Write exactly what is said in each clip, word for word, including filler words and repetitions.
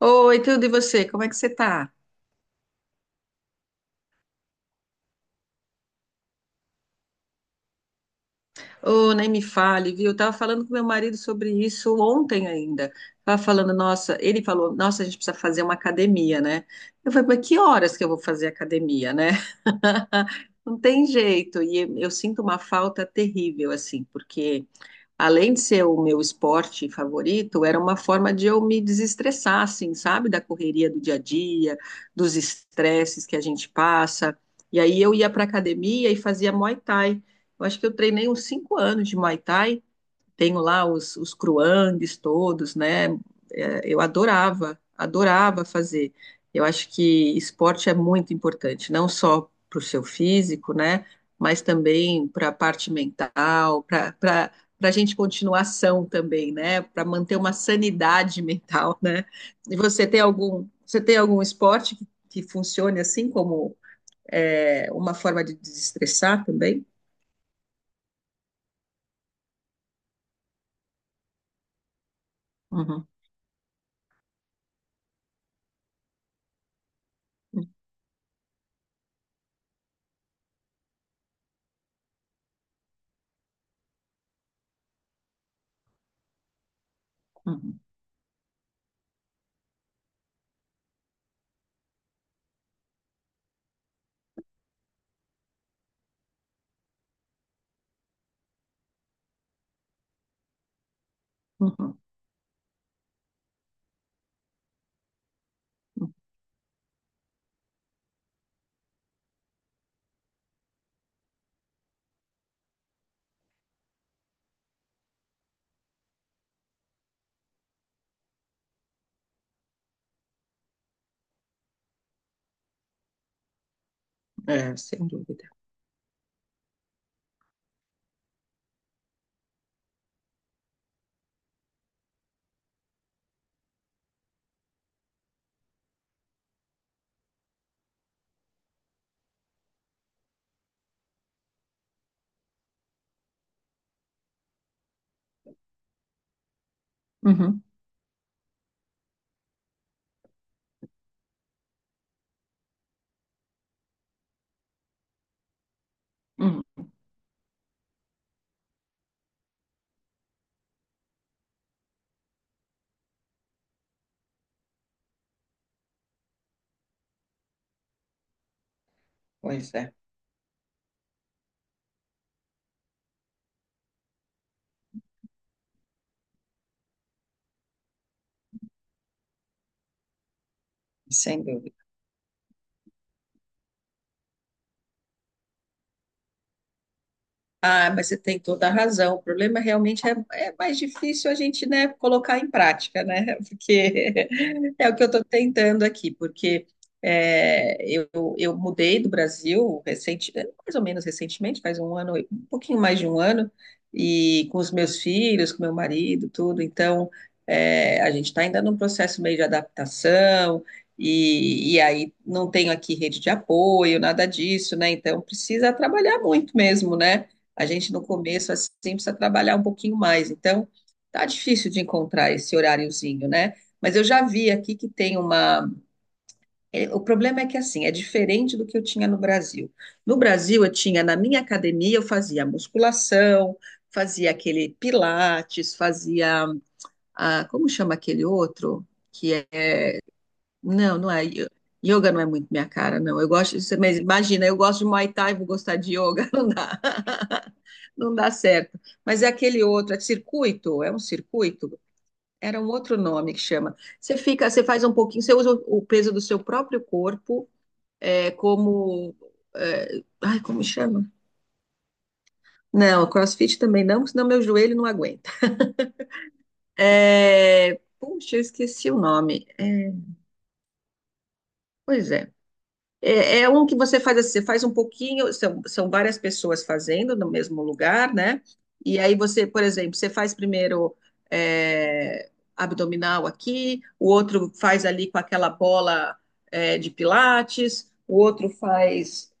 Oi, tudo e você? Como é que você tá? Ô, nem me fale, viu? Eu tava falando com meu marido sobre isso ontem ainda. Tava falando, nossa, ele falou, nossa, a gente precisa fazer uma academia, né? Eu falei, mas que horas que eu vou fazer academia, né? Não tem jeito. E eu sinto uma falta terrível, assim, porque além de ser o meu esporte favorito, era uma forma de eu me desestressar, assim, sabe? Da correria do dia a dia, dos estresses que a gente passa. E aí eu ia para academia e fazia Muay Thai. Eu acho que eu treinei uns cinco anos de Muay Thai. Tenho lá os, os cruangues todos, né? É, eu adorava, adorava fazer. Eu acho que esporte é muito importante, não só para o seu físico, né? Mas também para a parte mental, para para para a gente continuar são também, né? Para manter uma sanidade mental, né? E você tem algum, você tem algum esporte que, que funcione assim como é, uma forma de desestressar também? Uhum, uhum, uhum. É, sem dúvida. Uhum, uhum. Pois é, sem dúvida. Ah, mas você tem toda a razão. O problema realmente é, é mais difícil a gente, né, colocar em prática, né? Porque é o que eu estou tentando aqui, porque é, eu, eu mudei do Brasil recente, mais ou menos recentemente, faz um ano, um pouquinho mais de um ano, e com os meus filhos, com meu marido, tudo. Então, é, a gente está ainda num processo meio de adaptação. E, e aí não tenho aqui rede de apoio, nada disso, né? Então precisa trabalhar muito mesmo, né? A gente no começo assim precisa trabalhar um pouquinho mais. Então, tá difícil de encontrar esse horáriozinho, né? Mas eu já vi aqui que tem uma. é, O problema é que assim, é diferente do que eu tinha no Brasil. No Brasil, eu tinha, na minha academia, eu fazia musculação, fazia aquele pilates, fazia. Ah, como chama aquele outro? Que é. Não, não é. yo- Yoga não é muito minha cara, não. Eu gosto. Mas imagina, eu gosto de Muay Thai, vou gostar de yoga, não dá não dá certo. Mas é aquele outro, é circuito? É um circuito? Era um outro nome que chama. Você fica, você faz um pouquinho, você usa o peso do seu próprio corpo, é como. É, ai, como chama? Não, CrossFit também não, senão meu joelho não aguenta. É, puxa, eu esqueci o nome. É, pois é. É, é um que você faz assim, você faz um pouquinho, são, são várias pessoas fazendo no mesmo lugar, né? E aí você, por exemplo, você faz primeiro é, abdominal aqui, o outro faz ali com aquela bola é, de pilates, o outro faz.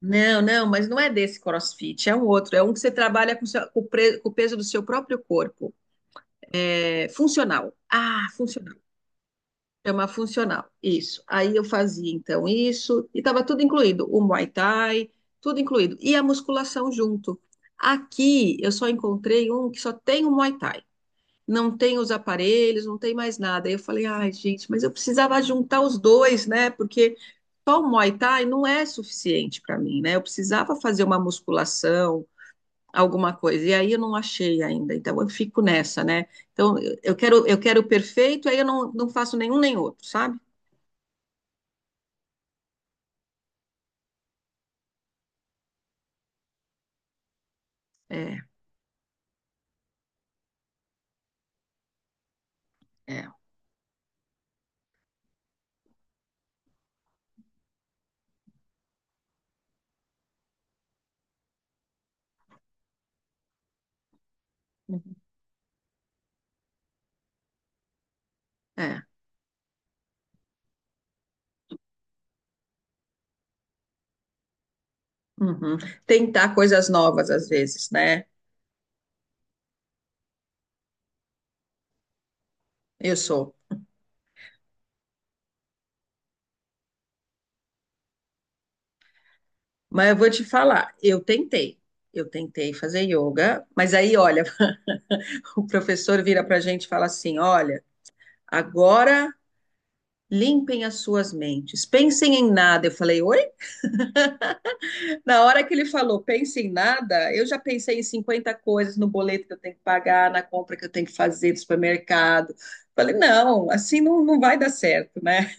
Não, não, mas não é desse CrossFit, é um outro, é um que você trabalha com, o seu- com o pre- com o peso do seu próprio corpo. É funcional. Ah, funcional. Chama funcional, isso. Aí eu fazia então isso, e estava tudo incluído, o Muay Thai, tudo incluído, e a musculação junto. Aqui eu só encontrei um que só tem o Muay Thai, não tem os aparelhos, não tem mais nada. Aí eu falei, ai gente, mas eu precisava juntar os dois, né? Porque só o Muay Thai não é suficiente para mim, né? Eu precisava fazer uma musculação, alguma coisa, e aí eu não achei ainda, então eu fico nessa, né? Então eu eu quero, eu quero o perfeito, aí eu não, não faço nenhum nem outro, sabe? É, é, é. Uhum. Tentar coisas novas às vezes, né? Eu sou. Mas eu vou te falar, eu tentei. Eu tentei fazer yoga, mas aí, olha, o professor vira pra gente e fala assim: olha, agora limpem as suas mentes, pensem em nada. Eu falei, oi? Na hora que ele falou, pense em nada, eu já pensei em cinquenta coisas no boleto que eu tenho que pagar, na compra que eu tenho que fazer do supermercado. Falei, não, assim não, não vai dar certo, né?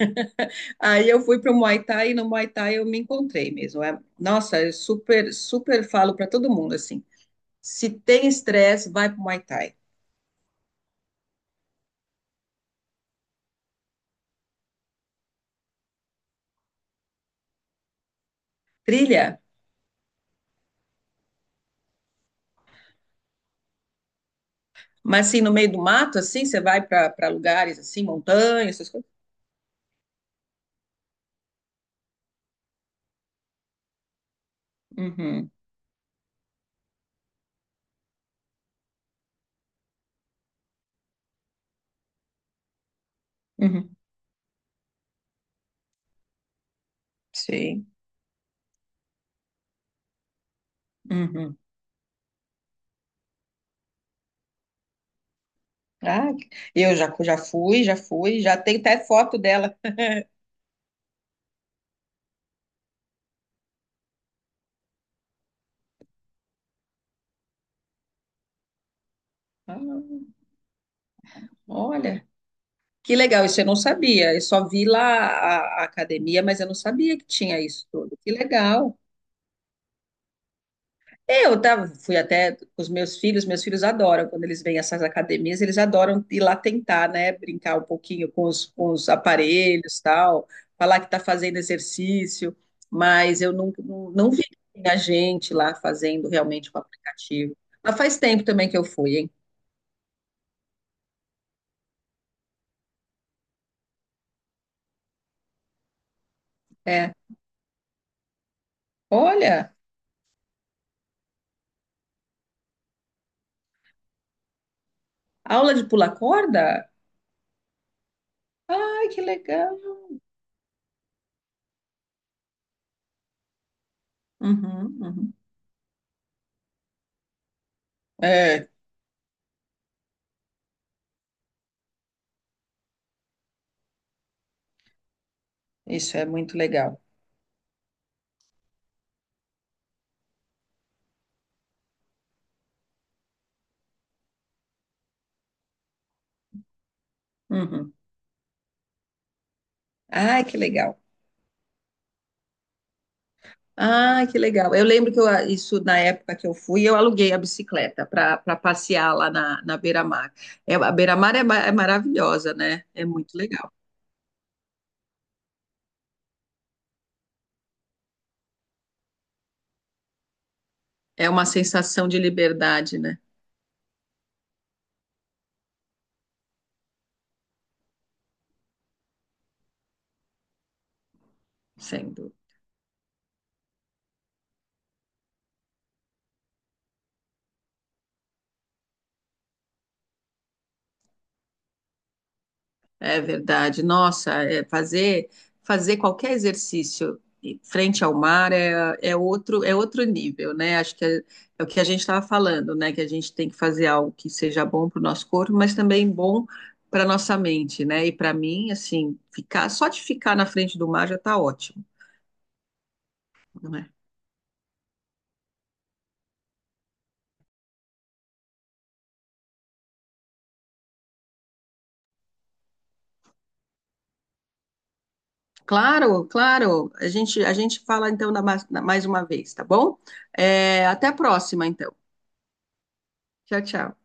Aí eu fui para o Muay Thai e no Muay Thai eu me encontrei mesmo. É- nossa, eu super, super falo para todo mundo assim: se tem estresse, vai para o Muay Thai. Trilha, mas assim, no meio do mato, assim, você vai para lugares assim, montanhas, essas coisas. Uhum, uhum, sim. Uhum. Ah, eu já, já fui, já fui, já tenho até foto dela. Ah, olha, que legal, isso eu não sabia. Eu só vi lá a, a academia, mas eu não sabia que tinha isso tudo. Que legal. Eu tava, fui até com os meus filhos, meus filhos adoram quando eles vêm a essas academias, eles adoram ir lá tentar, né, brincar um pouquinho com os, com os aparelhos, tal, falar que tá fazendo exercício, mas eu não, não, não vi a gente lá fazendo realmente com o aplicativo. Mas faz tempo também que eu fui, hein? É. Olha, aula de pular corda? Ai, que legal. Uhum, uhum. É, isso é muito legal. Uhum. Ai, que legal. Ah, que legal. Eu lembro que eu, ah, isso na época que eu fui, eu aluguei a bicicleta para passear lá na, na Beira-Mar. É, a Beira-Mar é, ma- é maravilhosa, né? É muito legal. É uma sensação de liberdade, né? Sem É verdade. Nossa, é fazer fazer qualquer exercício frente ao mar é, é outro é outro nível, né? Acho que é, é o que a gente estava falando, né? Que a gente tem que fazer algo que seja bom para o nosso corpo, mas também bom para nossa mente, né? E para mim, assim, ficar só de ficar na frente do mar já está ótimo, não é? Claro, claro. A gente a gente fala então na, ma- na- mais uma vez, tá bom? É, até a próxima, então. Tchau, tchau.